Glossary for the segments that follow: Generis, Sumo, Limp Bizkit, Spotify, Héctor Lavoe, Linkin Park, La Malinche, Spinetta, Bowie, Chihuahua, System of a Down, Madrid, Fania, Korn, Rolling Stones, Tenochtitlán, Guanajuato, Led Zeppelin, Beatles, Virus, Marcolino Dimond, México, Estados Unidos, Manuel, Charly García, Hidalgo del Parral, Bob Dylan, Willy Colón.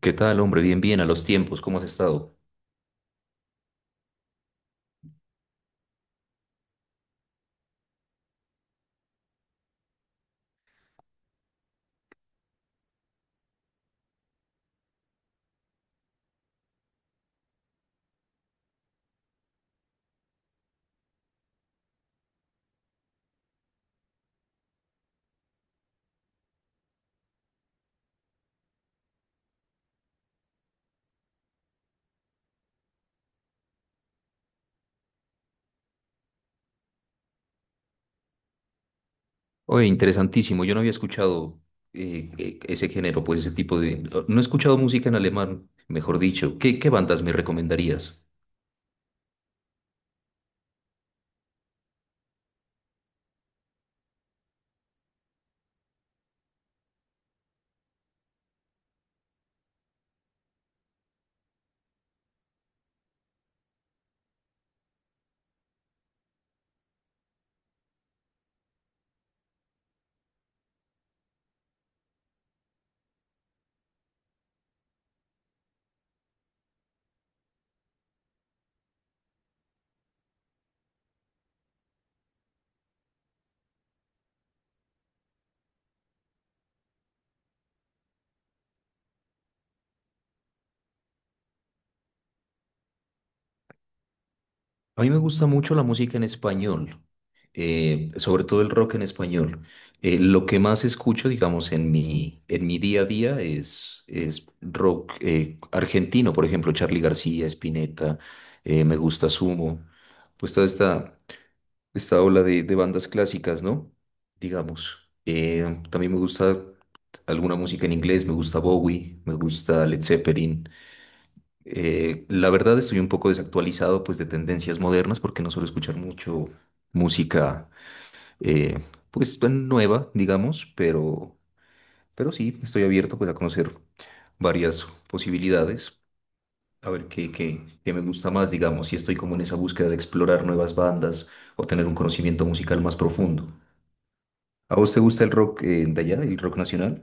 ¿Qué tal, hombre? Bien, bien, a los tiempos, ¿cómo has estado? Oye, interesantísimo, yo no había escuchado ese género, pues ese tipo de... No he escuchado música en alemán, mejor dicho. ¿Qué bandas me recomendarías? A mí me gusta mucho la música en español, sobre todo el rock en español. Lo que más escucho, digamos, en mi día a día es rock argentino, por ejemplo, Charly García, Spinetta, me gusta Sumo, pues toda esta... esta ola de bandas clásicas, ¿no? Digamos. También me gusta alguna música en inglés, me gusta Bowie, me gusta Led Zeppelin. La verdad estoy un poco desactualizado pues de tendencias modernas porque no suelo escuchar mucho música eh, pues tan nueva, digamos, pero sí, estoy abierto pues a conocer varias posibilidades. A ver qué me gusta más, digamos, y estoy como en esa búsqueda de explorar nuevas bandas o tener un conocimiento musical más profundo. ¿A vos te gusta el rock de allá, el rock nacional?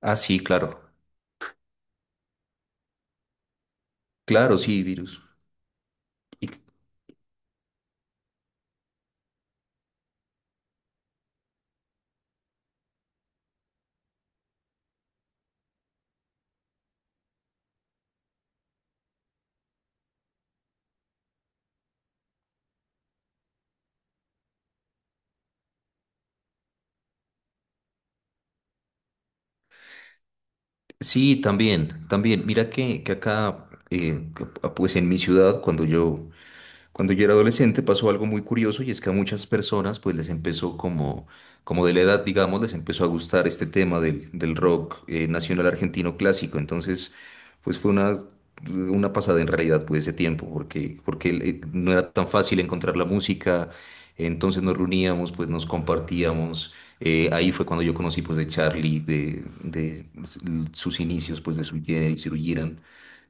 Ah, sí, claro. Claro, sí, Virus. Y, sí, también, también. Mira que acá, pues en mi ciudad, Cuando yo era adolescente pasó algo muy curioso y es que a muchas personas pues les empezó como, como de la edad, digamos, les empezó a gustar este tema del rock nacional argentino clásico. Entonces, pues fue una pasada en realidad pues ese tiempo porque, porque no era tan fácil encontrar la música. Entonces nos reuníamos, pues nos compartíamos. Ahí fue cuando yo conocí pues de Charlie, de pues, sus inicios pues de su Generis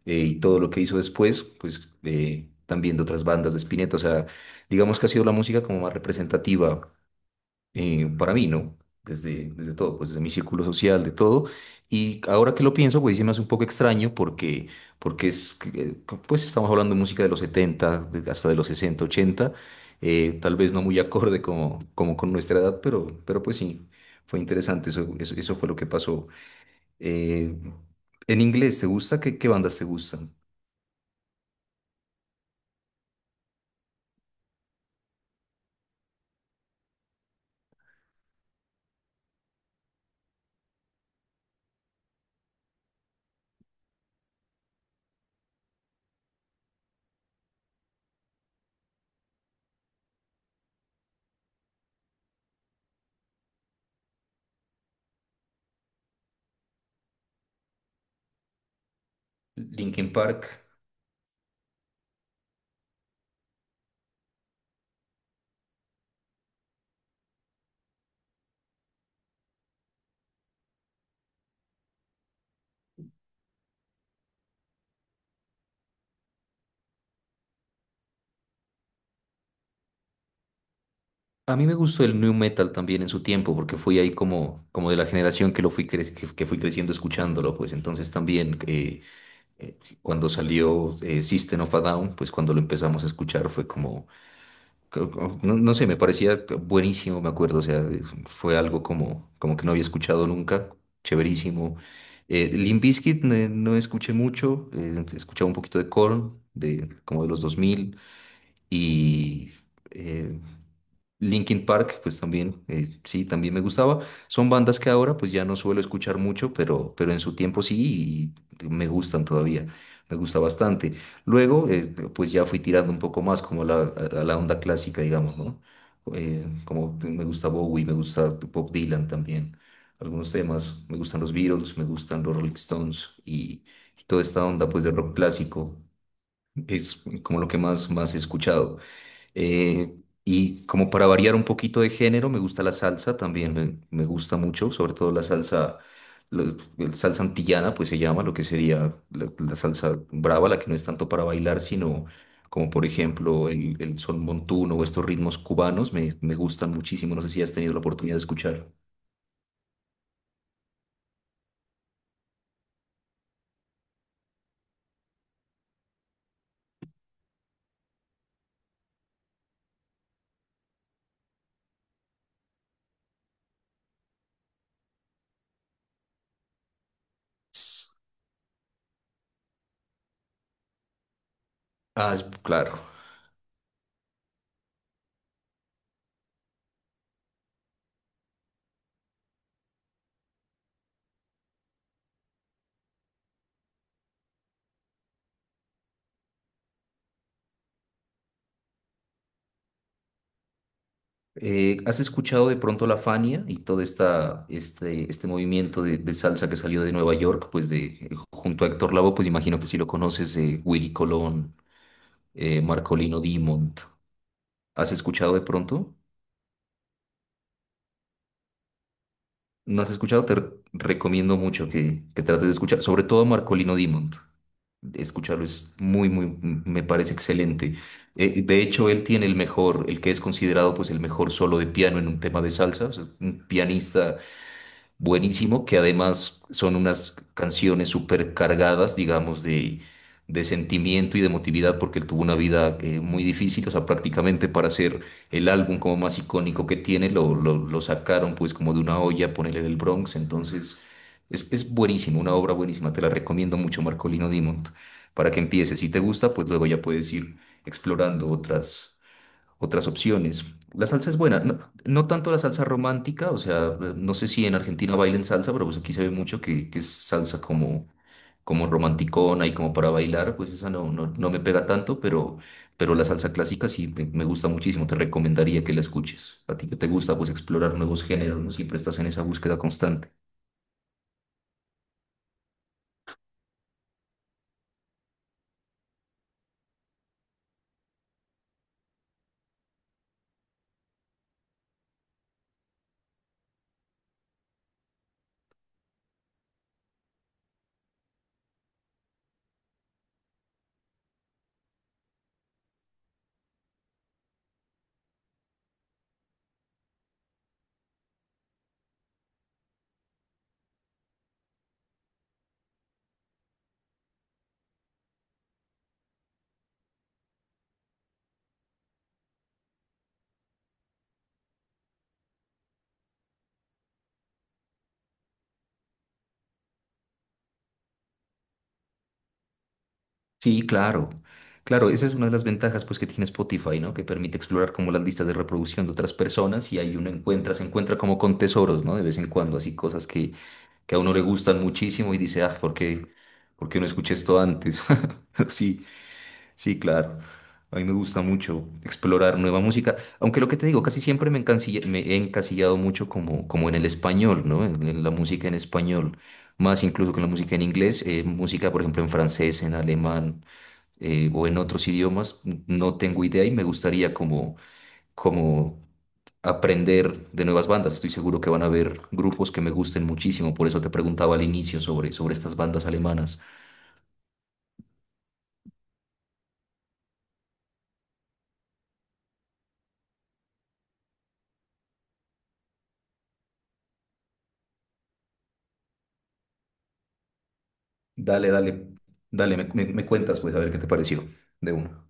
y todo lo que hizo después, pues también de otras bandas de Spinetta. O sea, digamos que ha sido la música como más representativa para mí, ¿no? Desde todo, pues desde mi círculo social, de todo. Y ahora que lo pienso, pues sí me hace un poco extraño porque, porque es, que, eh, pues estamos hablando de música de los 70 hasta de los 60 80 tal vez no muy acorde como, como con nuestra edad, pero pues sí, fue interesante, eso fue lo que pasó. Eh, en inglés, ¿te gusta? ¿Qué bandas te gustan? Linkin Park. A mí me gustó el new metal también en su tiempo, porque fui ahí como, como de la generación que que fui creciendo escuchándolo, pues entonces también cuando salió System of a Down, pues cuando lo empezamos a escuchar fue como, no, no sé, me parecía buenísimo, me acuerdo, o sea, fue algo como, como que no había escuchado nunca, chéverísimo. Limp Bizkit no escuché mucho, escuchaba un poquito de Korn, de, como de los 2000 y... eh, Linkin Park, pues también, sí, también me gustaba. Son bandas que ahora pues ya no suelo escuchar mucho, pero en su tiempo sí y me gustan todavía, me gusta bastante. Luego, pues ya fui tirando un poco más como a la onda clásica, digamos, ¿no? Como me gusta Bowie, me gusta Bob Dylan también, algunos temas, me gustan los Beatles, me gustan los Rolling Stones y toda esta onda pues de rock clásico es como lo que más, más he escuchado. Eh, y como para variar un poquito de género, me gusta la salsa también, me gusta mucho, sobre todo la salsa, el salsa antillana, pues se llama, lo que sería la salsa brava, la que no es tanto para bailar, sino como por ejemplo el son montuno o estos ritmos cubanos, me gustan muchísimo, no sé si has tenido la oportunidad de escuchar. Claro. ¿Has escuchado de pronto la Fania y todo este movimiento de salsa que salió de Nueva York, pues de, junto a Héctor Lavoe, pues imagino que si lo conoces, Willy Colón, Marcolino Dimond. ¿Has escuchado de pronto? ¿No has escuchado? Recomiendo mucho que trates de escuchar, sobre todo a Marcolino Dimond. Escucharlo es muy, muy, me parece excelente. De hecho, él tiene el mejor, el que es considerado pues el mejor solo de piano en un tema de salsa, o sea, un pianista buenísimo, que además son unas canciones súper cargadas, digamos, de sentimiento y de emotividad, porque él tuvo una vida muy difícil, o sea, prácticamente para hacer el álbum como más icónico que tiene, lo sacaron pues como de una olla, ponele del Bronx, entonces es buenísimo, una obra buenísima, te la recomiendo mucho, Marcolino Dimond, para que empieces, si te gusta, pues luego ya puedes ir explorando otras otras opciones. La salsa es buena, no, no tanto la salsa romántica, o sea, no sé si en Argentina bailen salsa, pero pues aquí se ve mucho que es salsa como, como romanticona y como para bailar, pues esa no, no, no me pega tanto, pero la salsa clásica sí me gusta muchísimo, te recomendaría que la escuches. A ti que te gusta pues explorar nuevos géneros, no siempre estás en esa búsqueda constante. Sí, claro. Claro, esa es una de las ventajas pues que tiene Spotify, ¿no? Que permite explorar como las listas de reproducción de otras personas y ahí uno encuentra, se encuentra como con tesoros, ¿no? De vez en cuando, así cosas que a uno le gustan muchísimo y dice, ah, ¿por qué no escuché esto antes? Pero sí, sí, claro. A mí me gusta mucho explorar nueva música, aunque lo que te digo, casi siempre me he encasillado mucho como, como en el español, ¿no? En la música en español, más incluso que en la música en inglés, música, por ejemplo, en francés, en alemán o en otros idiomas, no tengo idea y me gustaría como, como aprender de nuevas bandas. Estoy seguro que van a haber grupos que me gusten muchísimo, por eso te preguntaba al inicio sobre, sobre estas bandas alemanas. Dale, dale, dale, me cuentas pues a ver qué te pareció de una.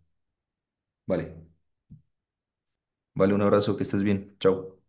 Vale, vale, un abrazo, que estés bien, chao.